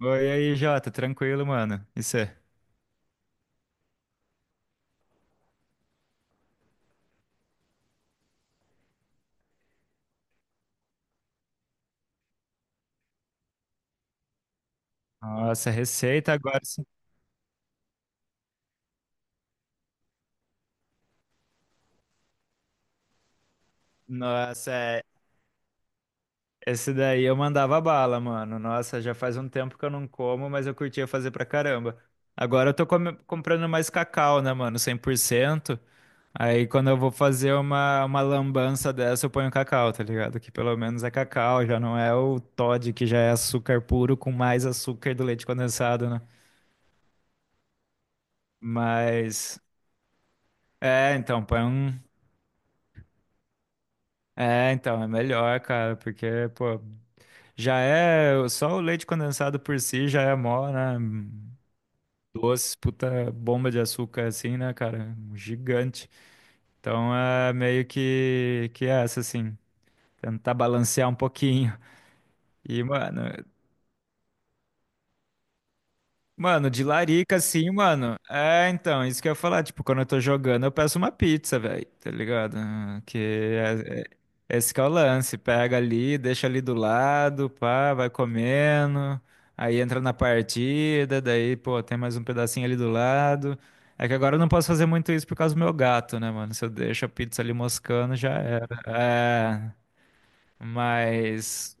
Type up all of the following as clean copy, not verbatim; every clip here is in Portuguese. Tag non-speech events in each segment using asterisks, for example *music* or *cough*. Oi, e aí, Jota, tranquilo, mano? Isso é. Nossa, receita agora. Sim. Nossa, esse daí eu mandava bala, mano. Nossa, já faz um tempo que eu não como, mas eu curtia fazer pra caramba. Agora eu tô comprando mais cacau, né, mano? 100%. Aí quando eu vou fazer uma lambança dessa, eu ponho cacau, tá ligado? Que pelo menos é cacau, já não é o Toddy, que já é açúcar puro com mais açúcar do leite condensado, né? Mas. É, então, põe um. É, então, é melhor, cara, porque, pô, já é, só o leite condensado por si já é mó, né, doce, puta bomba de açúcar, assim, né, cara, gigante. Então, é meio que é essa, assim, tentar balancear um pouquinho. E, mano. Mano, de larica, assim, mano. É, então, isso que eu ia falar. Tipo, quando eu tô jogando, eu peço uma pizza, velho. Tá ligado? Ah, esse que é o lance. Pega ali, deixa ali do lado, pá, vai comendo. Aí entra na partida, daí, pô, tem mais um pedacinho ali do lado. É que agora eu não posso fazer muito isso por causa do meu gato, né, mano? Se eu deixo a pizza ali moscando, já era. É, mas.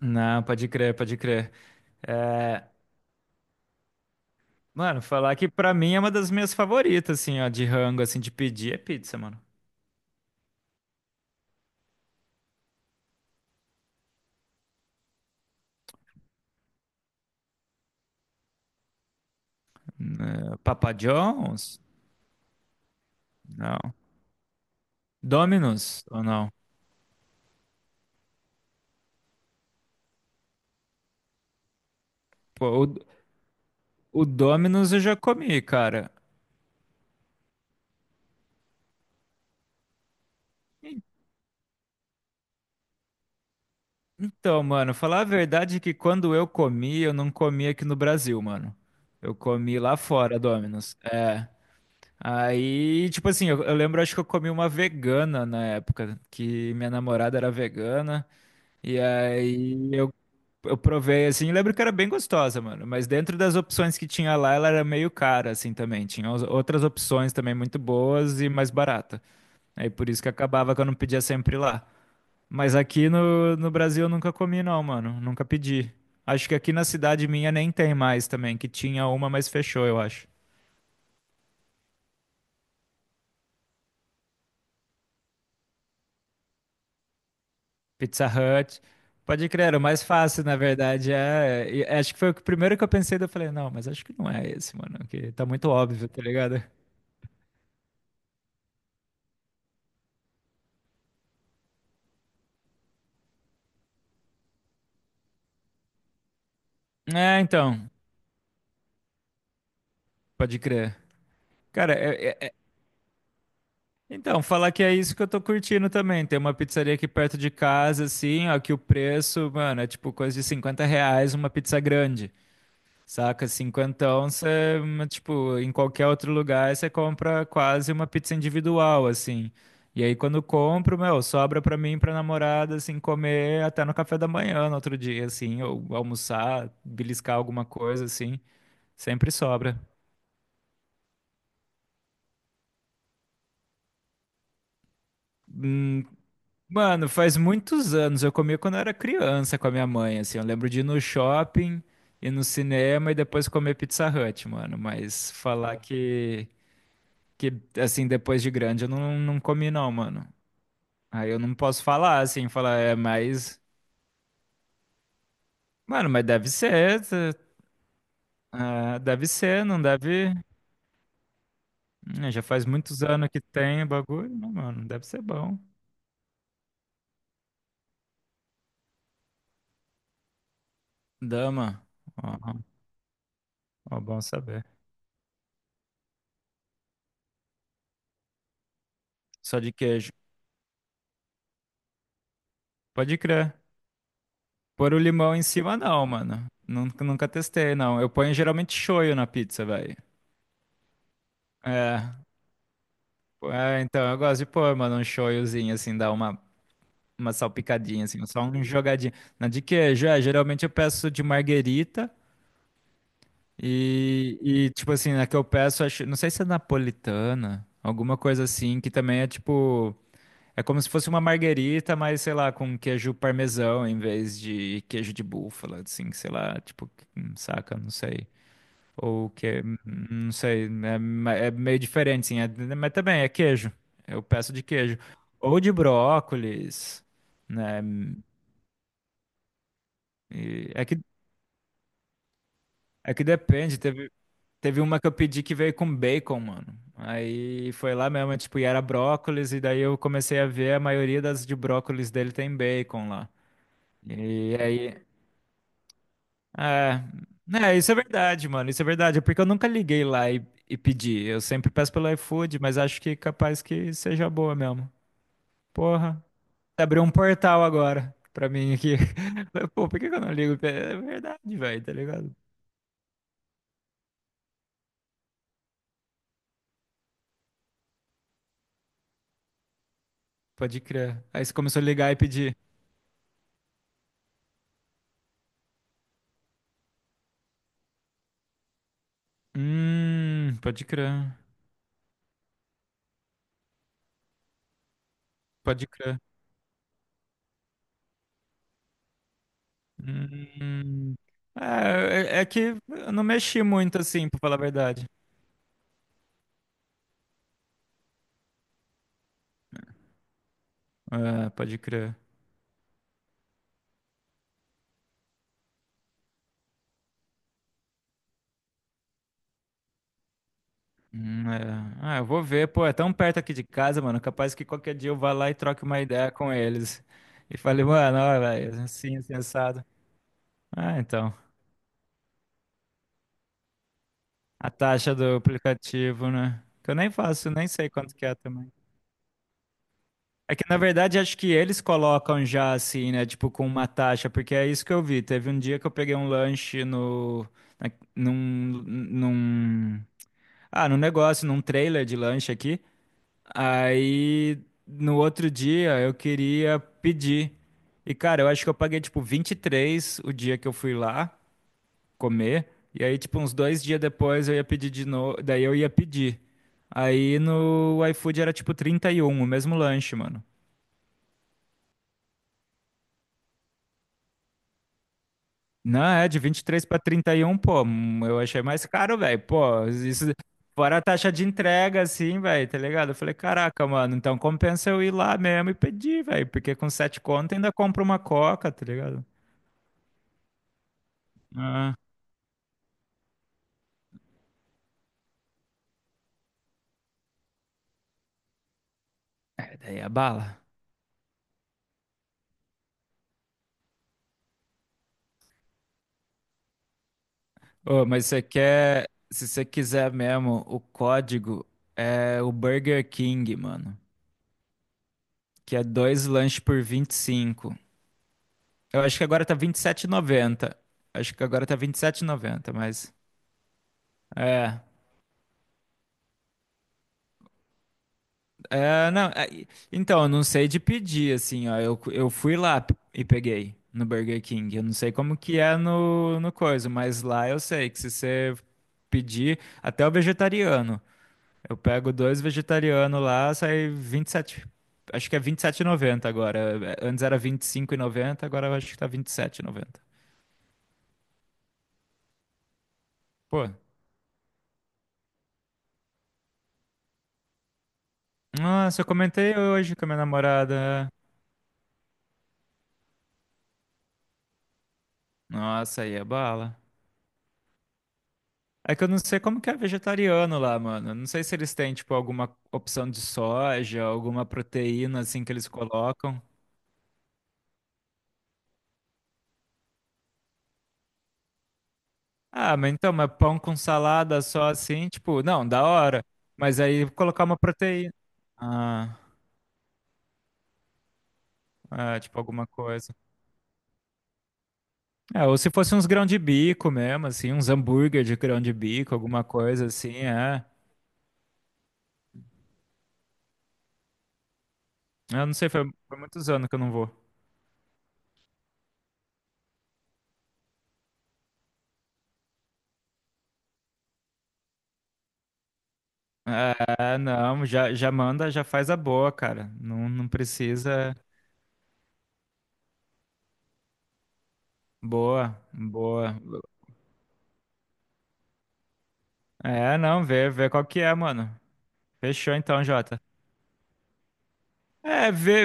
Não, pode crer, pode crer. É, mano, falar que pra mim é uma das minhas favoritas, assim, ó, de rango, assim, de pedir é pizza, mano. Eh, Papa John's? Não. Domino's ou não? Pô, o Domino's eu já comi, cara. En- Então, mano, falar a verdade é que quando eu comi, eu não comi aqui no Brasil, mano. Eu comi lá fora, Domino's. É. Aí, tipo assim, eu lembro, acho que eu comi uma vegana na época, que minha namorada era vegana. E aí eu provei assim, lembro que era bem gostosa, mano. Mas dentro das opções que tinha lá, ela era meio cara, assim também. Tinha outras opções também muito boas e mais barata. Aí por isso que acabava que eu não pedia sempre lá. Mas aqui no Brasil eu nunca comi, não, mano. Nunca pedi. Acho que aqui na cidade minha nem tem mais também, que tinha uma, mas fechou, eu acho. Pizza Hut. Pode crer, era o mais fácil, na verdade. É, e acho que foi primeiro que eu pensei, daí eu falei, não, mas acho que não é esse, mano, que tá muito óbvio, tá ligado? É, então, pode crer. Cara, então, falar que é isso que eu tô curtindo também. Tem uma pizzaria aqui perto de casa, assim, ó, que o preço, mano, é tipo coisa de R$ 50 uma pizza grande, saca? Cinquentão, você, tipo, em qualquer outro lugar, você compra quase uma pizza individual, assim. E aí, quando compro, meu, sobra pra mim, e pra namorada, assim, comer até no café da manhã, no outro dia, assim, ou almoçar, beliscar alguma coisa, assim, sempre sobra. Hum, Mano, faz muitos anos. Eu comia quando eu era criança com a minha mãe, assim. Eu lembro de ir no shopping, ir no cinema e depois comer Pizza Hut, mano. Mas falar que assim, depois de grande eu não, não comi, não, mano. Aí eu não posso falar, assim, falar, é, mas. Mano, mas deve ser. Ah, deve ser, não deve. Já faz muitos anos que tem o bagulho, não, mano. Deve ser bom. Dama. Ó, ó, bom saber. Só de queijo. Pode crer. Pôr o limão em cima, não, mano. Nunca, nunca testei, não. Eu ponho geralmente shoyu na pizza, velho. É, é, então eu gosto de pôr, mano, um shoyuzinho, assim, dar uma salpicadinha, assim, só um jogadinho. Na de queijo, é, geralmente eu peço de marguerita e tipo assim, na que eu peço, acho, não sei se é napolitana, alguma coisa assim, que também é tipo, é como se fosse uma marguerita, mas sei lá, com queijo parmesão em vez de queijo de búfala, assim, sei lá, tipo, saca, não sei. Ou que, é, não sei, é, é meio diferente, sim. Mas também é queijo. Eu peço de queijo. Ou de brócolis, né? E é que depende. Teve uma que eu pedi que veio com bacon, mano. Aí foi lá mesmo, tipo, e era brócolis, e daí eu comecei a ver a maioria das de brócolis dele tem bacon lá. E aí. É, né, isso é verdade, mano. Isso é verdade. É porque eu nunca liguei lá e pedi. Eu sempre peço pelo iFood, mas acho que capaz que seja boa mesmo. Porra, abriu um portal agora pra mim aqui. *laughs* Falei, pô, por que que eu não ligo? É verdade, velho, tá ligado? Pode crer. Aí você começou a ligar e pedir. Pode crer. Pode crer. Hum. É, é que eu não mexi muito assim, pra falar a verdade. É, pode crer. É. Ah, eu vou ver, pô, é tão perto aqui de casa, mano. Capaz que qualquer dia eu vá lá e troque uma ideia com eles. E falei, mano, ó, velho, assim, sensado. Ah, então. A taxa do aplicativo, né? Que eu nem faço, nem sei quanto que é também. É que, na verdade, acho que eles colocam já assim, né? Tipo, com uma taxa, porque é isso que eu vi. Teve um dia que eu peguei um lanche no. na- Num, num. Ah, num negócio, num trailer de lanche aqui. Aí, no outro dia, eu queria pedir. E, cara, eu acho que eu paguei, tipo, 23 o dia que eu fui lá comer. E aí, tipo, uns dois dias depois eu ia pedir de novo. Daí eu ia pedir. Aí no iFood era tipo 31 o mesmo lanche, mano. Não, é de 23 pra 31 pô. Eu achei mais caro, velho. Pô, isso. Fora a taxa de entrega, assim, velho, tá ligado? Eu falei, caraca, mano, então compensa eu ir lá mesmo e pedir, velho. Porque com sete conto ainda compro uma coca, tá ligado? Ah, é, daí a bala. Ô, mas você quer, se você quiser mesmo, o código é o Burger King, mano, que é dois lanches por 25. Eu acho que agora tá 27,90. Acho que agora tá vinte e sete e noventa, mas é, é, não, é, então eu não sei de pedir assim, ó, eu fui lá e peguei no Burger King. Eu não sei como que é no coisa, mas lá eu sei que se você pedir, até o vegetariano. Eu pego dois vegetarianos lá, sai 27. Acho que é 27,90 agora. Antes era 25,90, agora eu acho que tá 27,90. Pô, nossa, eu comentei hoje com a minha namorada. Nossa, aí é bala. É que eu não sei como que é vegetariano lá, mano. Não sei se eles têm, tipo, alguma opção de soja, alguma proteína, assim, que eles colocam. Ah, mas então, mas pão com salada só assim, tipo, não, da hora. Mas aí colocar uma proteína. Ah, é, tipo, alguma coisa. É, ou se fosse uns grão de bico mesmo, assim, uns hambúrguer de grão de bico, alguma coisa assim, é. Eu não sei, foi muitos anos que eu não vou. É, não, já manda, já faz a boa, cara. Não, não precisa. Boa, boa. É, não, vê qual que é, mano. Fechou então, Jota. É, vê,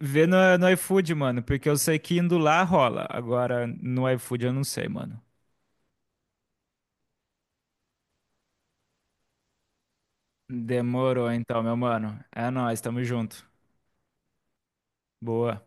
vê no iFood, mano, porque eu sei que indo lá rola. Agora, no iFood eu não sei, mano. Demorou então, meu mano. É nóis, tamo junto. Boa.